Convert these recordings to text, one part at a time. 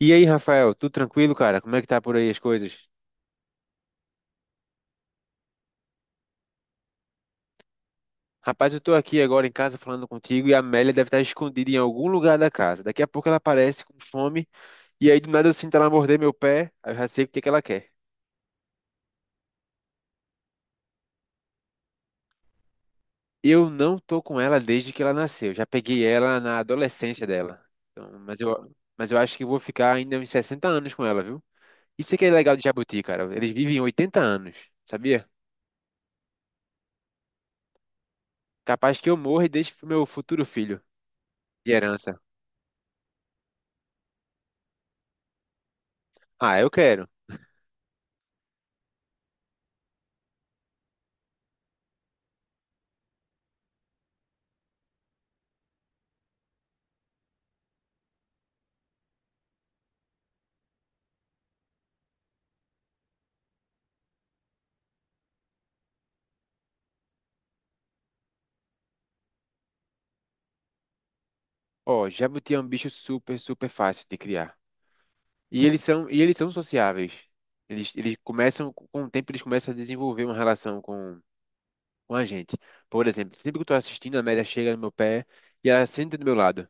E aí, Rafael, tudo tranquilo, cara? Como é que tá por aí as coisas? Rapaz, eu tô aqui agora em casa falando contigo e a Amélia deve estar escondida em algum lugar da casa. Daqui a pouco ela aparece com fome e aí do nada eu sinto ela morder meu pé, aí eu já sei o que que ela quer. Eu não tô com ela desde que ela nasceu. Já peguei ela na adolescência dela. Então, mas eu acho que vou ficar ainda uns 60 anos com ela, viu? Isso é que é legal de jabuti, cara. Eles vivem 80 anos, sabia? Capaz que eu morra e deixe pro meu futuro filho de herança. Ah, eu quero. Ó, jabuti é um bicho super, super fácil de criar. E eles são sociáveis. Eles começam, com o tempo, eles começam a desenvolver uma relação com a gente. Por exemplo, sempre que eu tô assistindo, a Amélia chega no meu pé e ela senta do meu lado.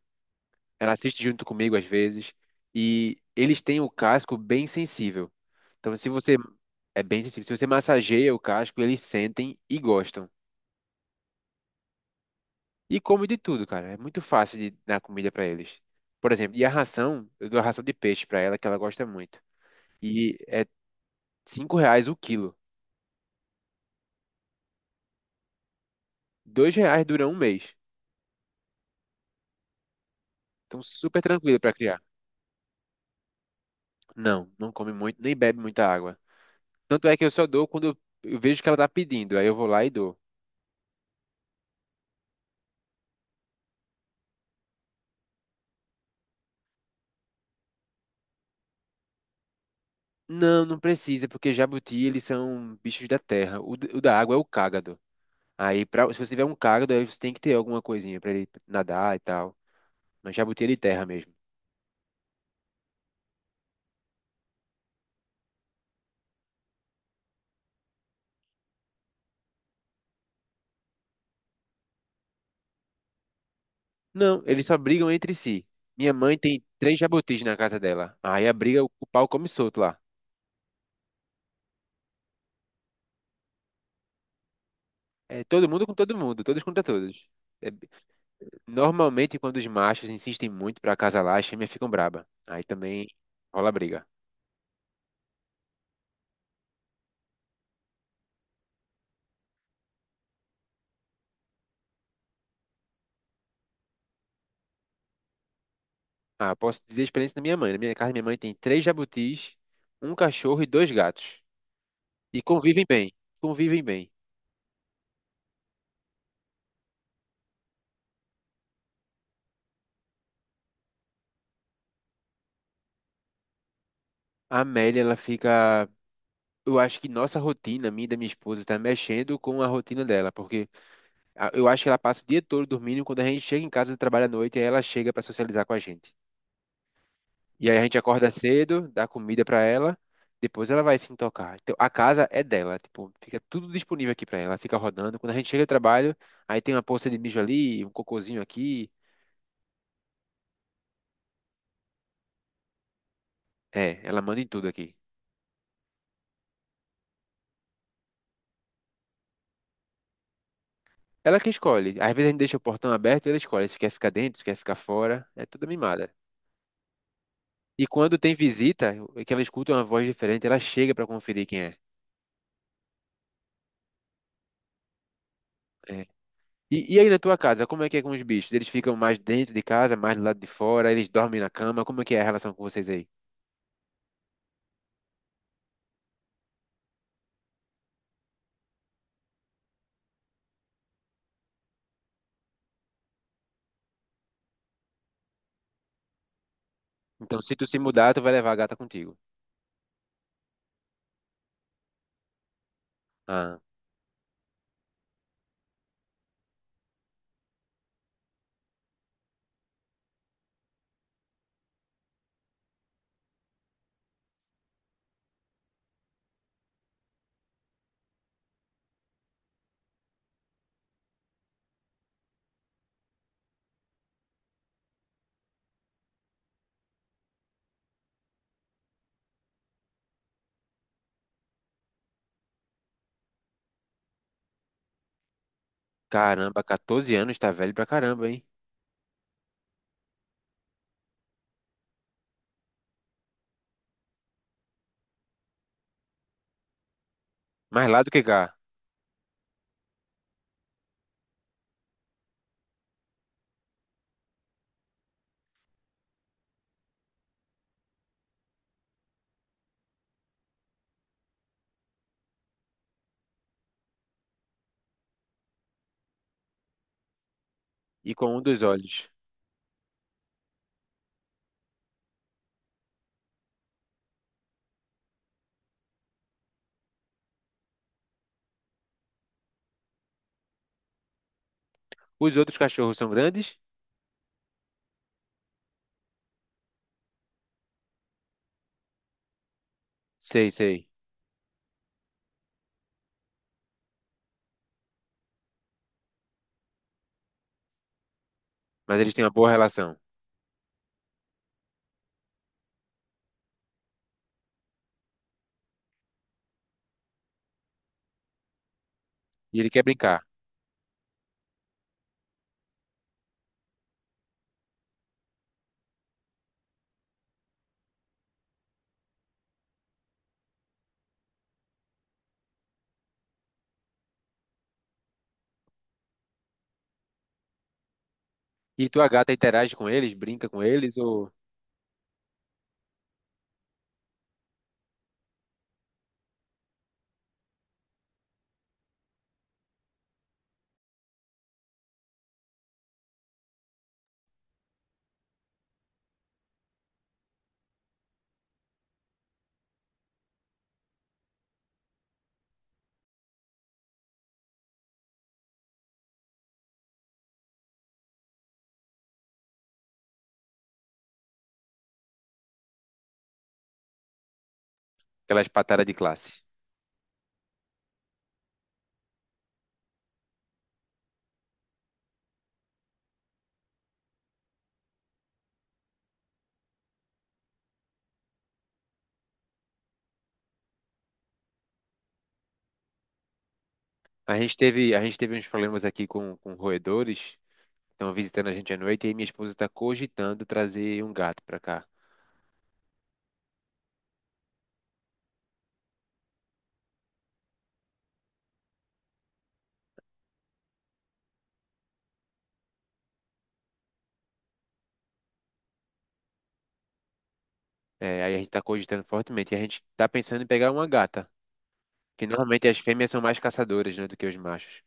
Ela assiste junto comigo às vezes. E eles têm o casco bem sensível. Então, se você é bem sensível, se você massageia o casco, eles sentem e gostam. E comem de tudo, cara. É muito fácil de dar comida para eles. Por exemplo, e a ração, eu dou a ração de peixe para ela, que ela gosta muito. E é R$ 5 o quilo. R$ 2 dura um mês. Então, super tranquilo para criar. Não, não come muito, nem bebe muita água. Tanto é que eu só dou quando eu vejo que ela tá pedindo, aí eu vou lá e dou. Não, não precisa, porque jabuti, eles são bichos da terra. O da água é o cágado. Aí, pra, se você tiver um cágado, aí você tem que ter alguma coisinha para ele nadar e tal. Mas jabuti é de terra mesmo. Não, eles só brigam entre si. Minha mãe tem três jabutis na casa dela. Aí a briga, o pau come solto lá. É todo mundo com todo mundo, todos contra todos. É, normalmente, quando os machos insistem muito para acasalar, as fêmeas ficam braba. Aí também rola briga. Ah, posso dizer a experiência da minha mãe. Na minha casa, minha mãe tem três jabutis, um cachorro e dois gatos. E convivem bem. Convivem bem. A Amélia, ela fica. Eu acho que nossa rotina, minha e da minha esposa, está mexendo com a rotina dela, porque eu acho que ela passa o dia todo dormindo. Quando a gente chega em casa do trabalho à noite, aí ela chega para socializar com a gente. E aí a gente acorda cedo, dá comida pra ela, depois ela vai se intocar. Então a casa é dela, tipo, fica tudo disponível aqui pra ela, ela fica rodando. Quando a gente chega do trabalho, aí tem uma poça de mijo ali, um cocôzinho aqui. É, ela manda em tudo aqui. Ela que escolhe. Às vezes a gente deixa o portão aberto e ela escolhe se quer ficar dentro, se quer ficar fora. É tudo mimada. E quando tem visita, que ela escuta é uma voz diferente, ela chega pra conferir quem é. É. E, e aí na tua casa, como é que é com os bichos? Eles ficam mais dentro de casa, mais do lado de fora, eles dormem na cama, como é que é a relação com vocês aí? Então, se tu se mudar, tu vai levar a gata contigo. Ah, caramba, 14 anos tá velho pra caramba, hein? Mais lá do que cá. E com um dos olhos. Os outros cachorros são grandes? Sei, sei. Mas eles têm uma boa relação. E ele quer brincar. E tua gata interage com eles, brinca com eles ou aquelas patadas de classe? A gente teve uns problemas aqui com roedores. Estão visitando a gente à noite e aí minha esposa tá cogitando trazer um gato pra cá. É, aí a gente tá cogitando fortemente. E a gente tá pensando em pegar uma gata. Que normalmente as fêmeas são mais caçadoras, né, do que os machos.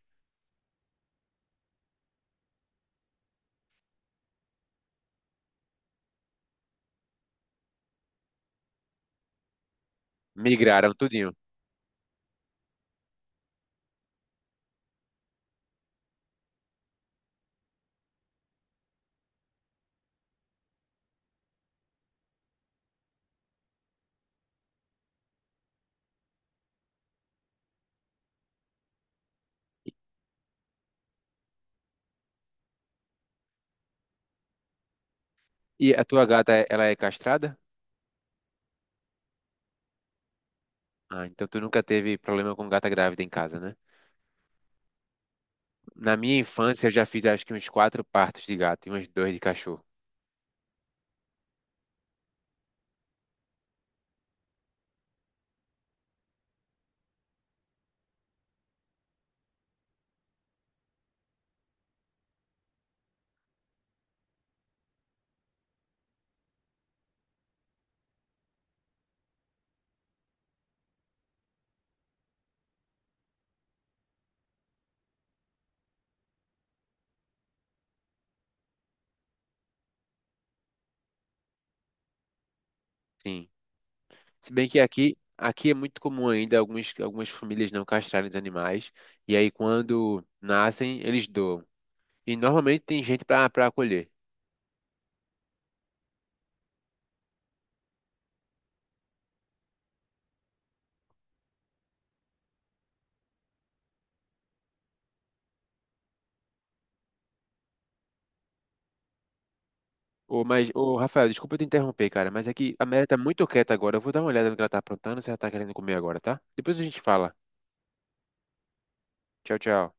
Migraram tudinho. E a tua gata, ela é castrada? Ah, então tu nunca teve problema com gata grávida em casa, né? Na minha infância eu já fiz acho que uns quatro partos de gato e uns dois de cachorro. Sim. Se bem que aqui, aqui é muito comum ainda algumas famílias não castrarem os animais. E aí quando nascem, eles doam. E normalmente tem gente para acolher. Ô, mas, ô, Rafael, desculpa te interromper, cara, mas é que a Mary tá muito quieta agora. Eu vou dar uma olhada no que ela tá aprontando, se ela tá querendo comer agora, tá? Depois a gente fala. Tchau, tchau.